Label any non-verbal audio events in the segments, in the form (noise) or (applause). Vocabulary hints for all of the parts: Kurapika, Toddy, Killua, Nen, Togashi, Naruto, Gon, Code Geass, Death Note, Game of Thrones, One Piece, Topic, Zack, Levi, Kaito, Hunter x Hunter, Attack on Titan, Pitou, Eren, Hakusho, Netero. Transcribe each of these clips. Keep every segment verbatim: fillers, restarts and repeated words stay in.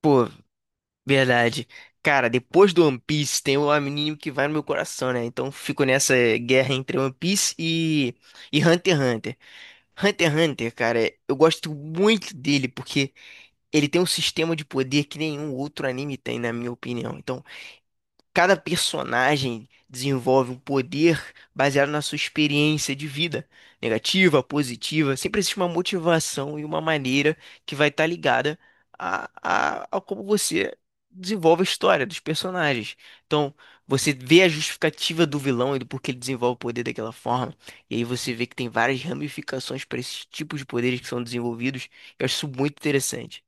Pô, verdade. Cara, depois do One Piece tem o anime que vai no meu coração, né? Então fico nessa guerra entre One Piece e, e Hunter x Hunter. Hunter x Hunter, cara, é- eu gosto muito dele porque ele tem um sistema de poder que nenhum outro anime tem, na minha opinião. Então cada personagem desenvolve um poder baseado na sua experiência de vida, negativa, positiva. Sempre existe uma motivação e uma maneira que vai estar ligada a, a, a como você desenvolve a história dos personagens. Então, você vê a justificativa do vilão e do porquê ele desenvolve o poder daquela forma. E aí você vê que tem várias ramificações para esses tipos de poderes que são desenvolvidos. Eu acho isso muito interessante.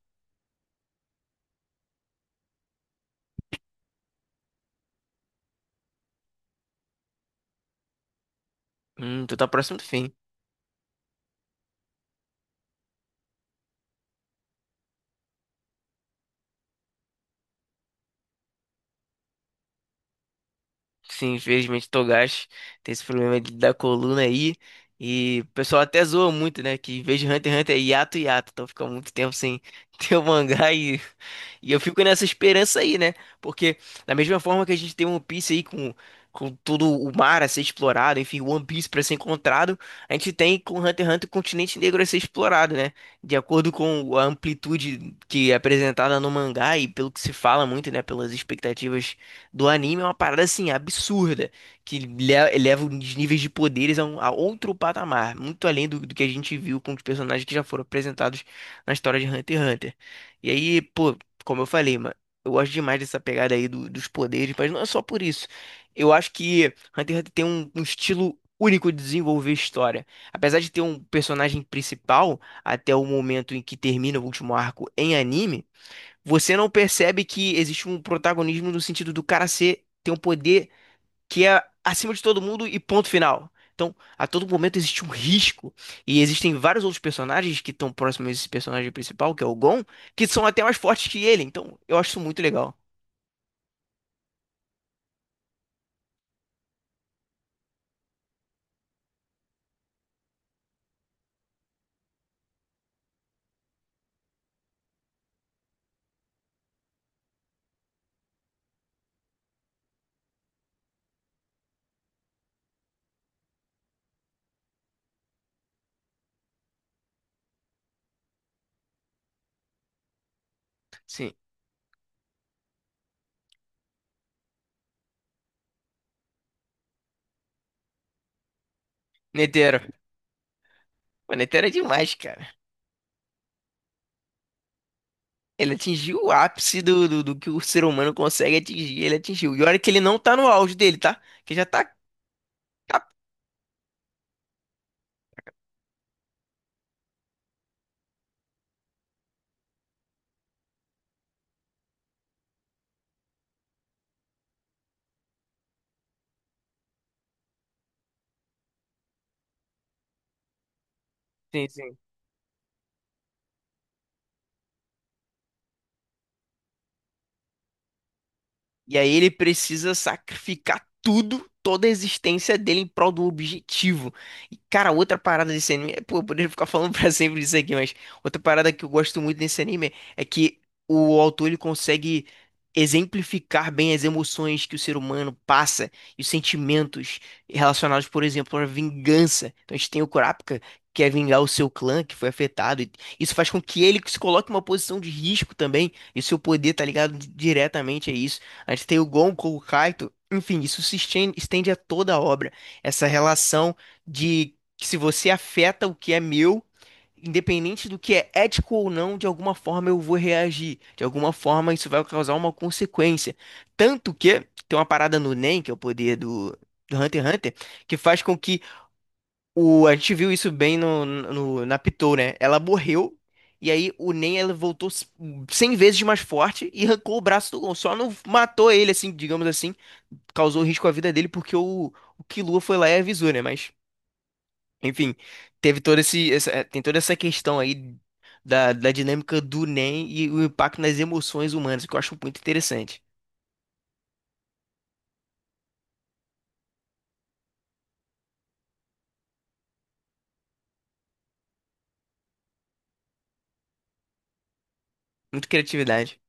Hum, tu tá próximo do fim. Sim, infelizmente Togashi tem esse problema de- da coluna aí. E o pessoal até zoa muito, né? Que em vez de Hunter x Hunter é hiato hiato. Então fica muito tempo sem (laughs) ter o mangá e e eu fico nessa esperança aí, né? Porque da mesma forma que a gente tem One Piece aí com, com todo o mar a ser explorado, enfim, One Piece pra ser encontrado, a gente tem com Hunter x Hunter o continente negro a ser explorado, né? De acordo com a amplitude que é apresentada no mangá e pelo que se fala muito, né? Pelas expectativas do anime, é uma parada assim absurda, que le- eleva os níveis de poderes a, um- a outro patamar, muito além do, do que a gente viu com os personagens que já foram apresentados na história de Hunter x Hunter. E aí, pô, como eu falei, mano, eu gosto demais dessa pegada aí do- dos poderes, mas não é só por isso. Eu acho que Hunter x Hunter tem um, um estilo único de desenvolver história. Apesar de ter um personagem principal até o momento em que termina o último arco em anime, você não percebe que existe um protagonismo no sentido do cara ser ter um poder que é acima de todo mundo e ponto final. Então, a todo momento existe um risco. E existem vários outros personagens que estão próximos a esse personagem principal, que é o Gon, que são até mais fortes que ele. Então, eu acho isso muito legal. Sim. Netero. O Netero é demais, cara. Ele atingiu o ápice do, do, do que o ser humano consegue atingir. Ele atingiu. E olha que ele não tá no auge dele, tá? Que já tá. tá- Sim, sim. E aí ele precisa sacrificar tudo, toda a existência dele em prol do objetivo. E, cara, outra parada desse anime. Pô, eu poderia ficar falando (laughs) pra sempre disso aqui, mas outra parada que eu gosto muito desse anime é que o autor ele consegue exemplificar bem as emoções que o ser humano passa e os sentimentos relacionados, por exemplo, à vingança. Então a gente tem o Kurapika, que quer vingar o seu clã que foi afetado, e isso faz com que ele se coloque em uma posição de risco também. E o seu poder tá ligado diretamente a isso. A gente tem o Gonko, o Kaito. Enfim, isso se esten- estende a toda a obra. Essa relação de que se você afeta o que é meu, independente do que é ético ou não, de alguma forma eu vou reagir. De alguma forma isso vai causar uma consequência. Tanto que tem uma parada no Nen, que é o poder do, do Hunter x Hunter, que faz com que o, a gente viu isso bem no, no- na Pitou, né? Ela morreu, e aí o Nen ela voltou s- cem vezes mais forte e arrancou o braço do Gon. Só não matou ele, assim, digamos assim. Causou risco à vida dele porque o, o Killua foi lá e avisou, né? Mas, enfim, teve todo esse, essa- é, tem toda essa questão aí da, da dinâmica do Nen e o impacto nas emoções humanas, que eu acho muito interessante. Muita criatividade.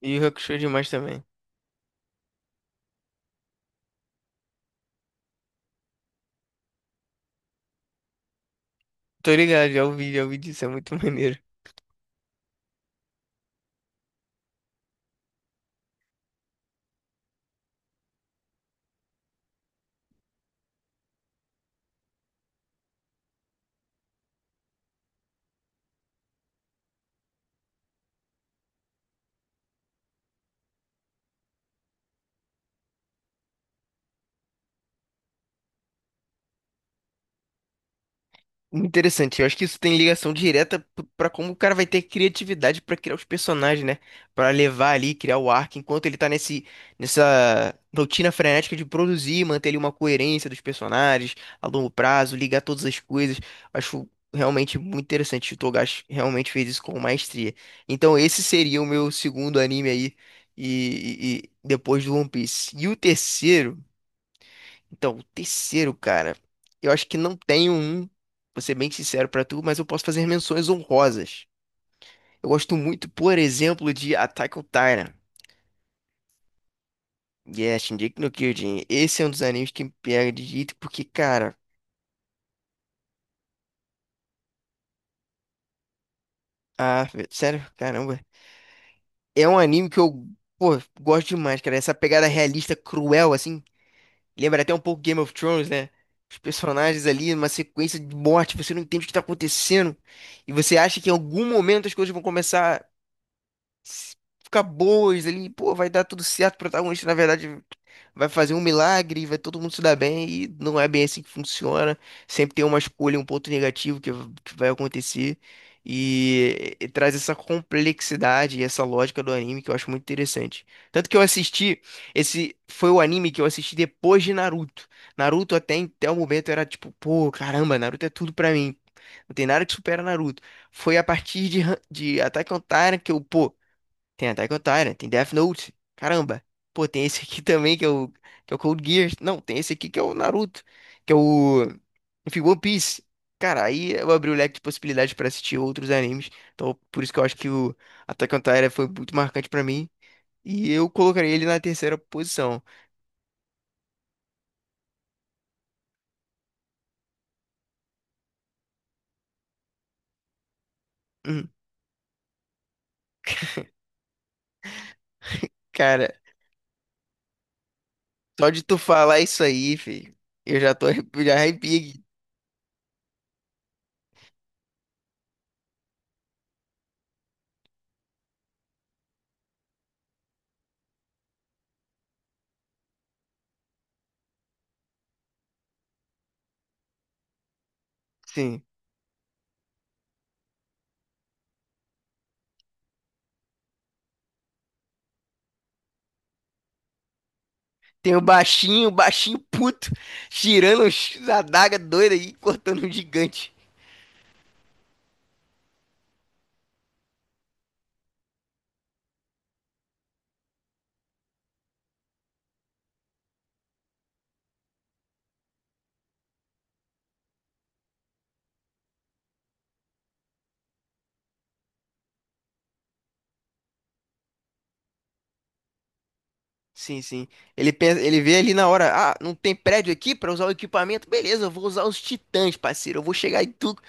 E o Hakusho é demais também. Tô ligado, já ouvi, já ouvi disso, é muito (laughs) maneiro. Interessante, eu acho que isso tem ligação direta p- pra como o cara vai ter criatividade pra criar os personagens, né? Pra levar ali, criar o arco, enquanto ele tá nesse, nessa rotina frenética de produzir, manter ali uma coerência dos personagens a longo prazo, ligar todas as coisas. Acho realmente muito interessante. O Togashi realmente fez isso com maestria. Então, esse seria o meu segundo anime aí, e, e e depois do One Piece. E o terceiro. Então, o terceiro, cara, eu acho que não tenho um, vou ser bem sincero pra tu, mas eu posso fazer menções honrosas. Eu gosto muito, por exemplo, de Attack on Titan. Yes, Shingeki no Kyojin. Esse é um dos animes que me pega de jeito, porque, cara, ah, velho, sério, caramba. É um anime que eu, pô, gosto demais, cara. Essa pegada realista, cruel, assim. Lembra até um pouco Game of Thrones, né? Os personagens ali, uma sequência de morte, você não entende o que tá acontecendo. E você acha que em algum momento as coisas vão começar s- ficar boas ali, pô, vai dar tudo certo, o protagonista, na verdade, vai fazer um milagre, vai todo mundo se dar bem, e não é bem assim que funciona. Sempre tem uma escolha, um ponto negativo que, v- que vai acontecer, e, e traz essa complexidade e essa lógica do anime que eu acho muito interessante. Tanto que eu assisti, esse foi o anime que eu assisti depois de Naruto. Naruto até, em- até o momento era tipo, pô, caramba, Naruto é tudo pra mim. Não tem nada que supera Naruto. Foi a partir de, Han- de Attack on Titan que eu, pô, tem Attack on Titan, tem Death Note. Caramba. Pô, tem esse aqui (laughs) também que é o, que é o Code Geass. Não, tem esse aqui que é o Naruto. Que é o. Enfim, One Piece. Cara, aí eu abri o leque de possibilidades pra assistir outros animes. Então, por isso que eu acho que o Attack on Titan foi muito marcante pra mim. E eu colocaria ele na terceira posição. Hum, cara, só de tu falar isso aí, filho, eu já tô (laughs) arrepi- já arrepio aqui. Sim. Tem o baixinho, o baixinho puto, tirando a daga doida aí, (laughs) cortando um gigante. Sim, sim. Ele pensa, ele vê ali na hora, ah, não tem prédio aqui pra usar o equipamento? Beleza, eu vou usar os titãs, parceiro. Eu vou chegar em tudo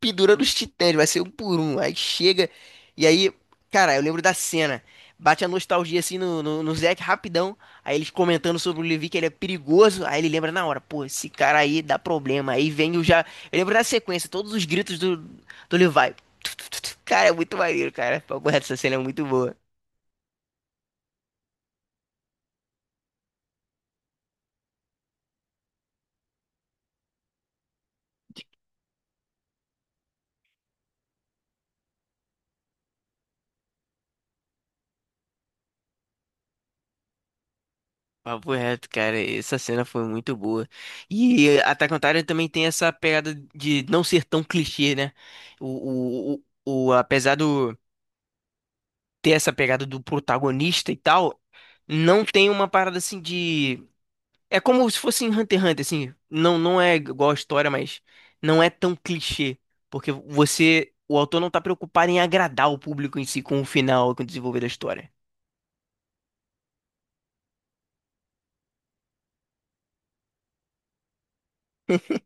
pendurando os titãs, vai ser um por um. Aí chega, e aí, cara, eu lembro da cena. Bate a nostalgia assim no, no, no Zack rapidão. Aí eles comentando sobre o Levi que ele é perigoso. Aí ele lembra na hora, pô, esse cara aí dá problema. Aí vem o já. Eu lembro da sequência, todos os gritos do, do Levi. Cara, é muito maneiro, cara. Porra, essa cena é muito boa. Papo reto, cara, essa cena foi muito boa. E Attack on Titan também tem essa pegada de não ser tão clichê, né? O, o, o, o- apesar do ter essa pegada do protagonista e tal, não tem uma parada assim de. É como se fosse em Hunter x Hunter, assim. Não, não é igual a história, mas não é tão clichê. Porque você, o autor não tá preocupado em agradar o público em si com o final, com o desenvolver da história. (laughs)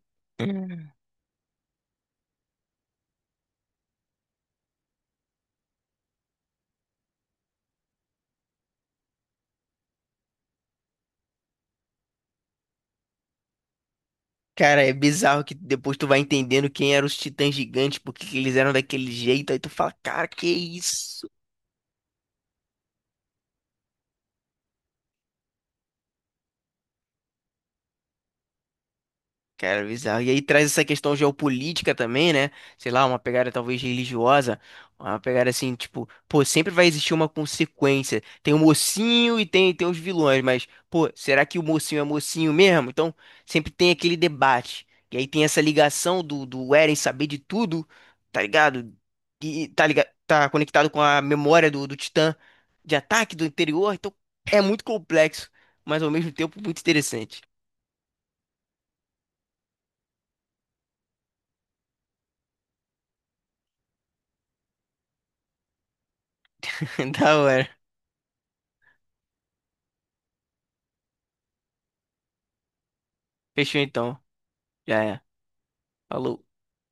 Cara, é bizarro que depois tu vai entendendo quem eram os titãs gigantes, porque eles eram daquele jeito, aí tu fala, cara, que isso? Cara, bizarro. E aí traz essa questão geopolítica também, né? Sei lá, uma pegada talvez religiosa, uma pegada assim, tipo, pô, sempre vai existir uma consequência. Tem o mocinho e tem, tem os vilões, mas, pô, será que o mocinho é mocinho mesmo? Então, sempre tem aquele debate. E aí tem essa ligação do, do Eren saber de tudo, tá ligado? E tá ligado, tá conectado com a memória do, do Titã de ataque do interior, então é muito complexo, mas ao mesmo tempo muito interessante. (laughs) Da hora. Fechou então. Já é. Falou.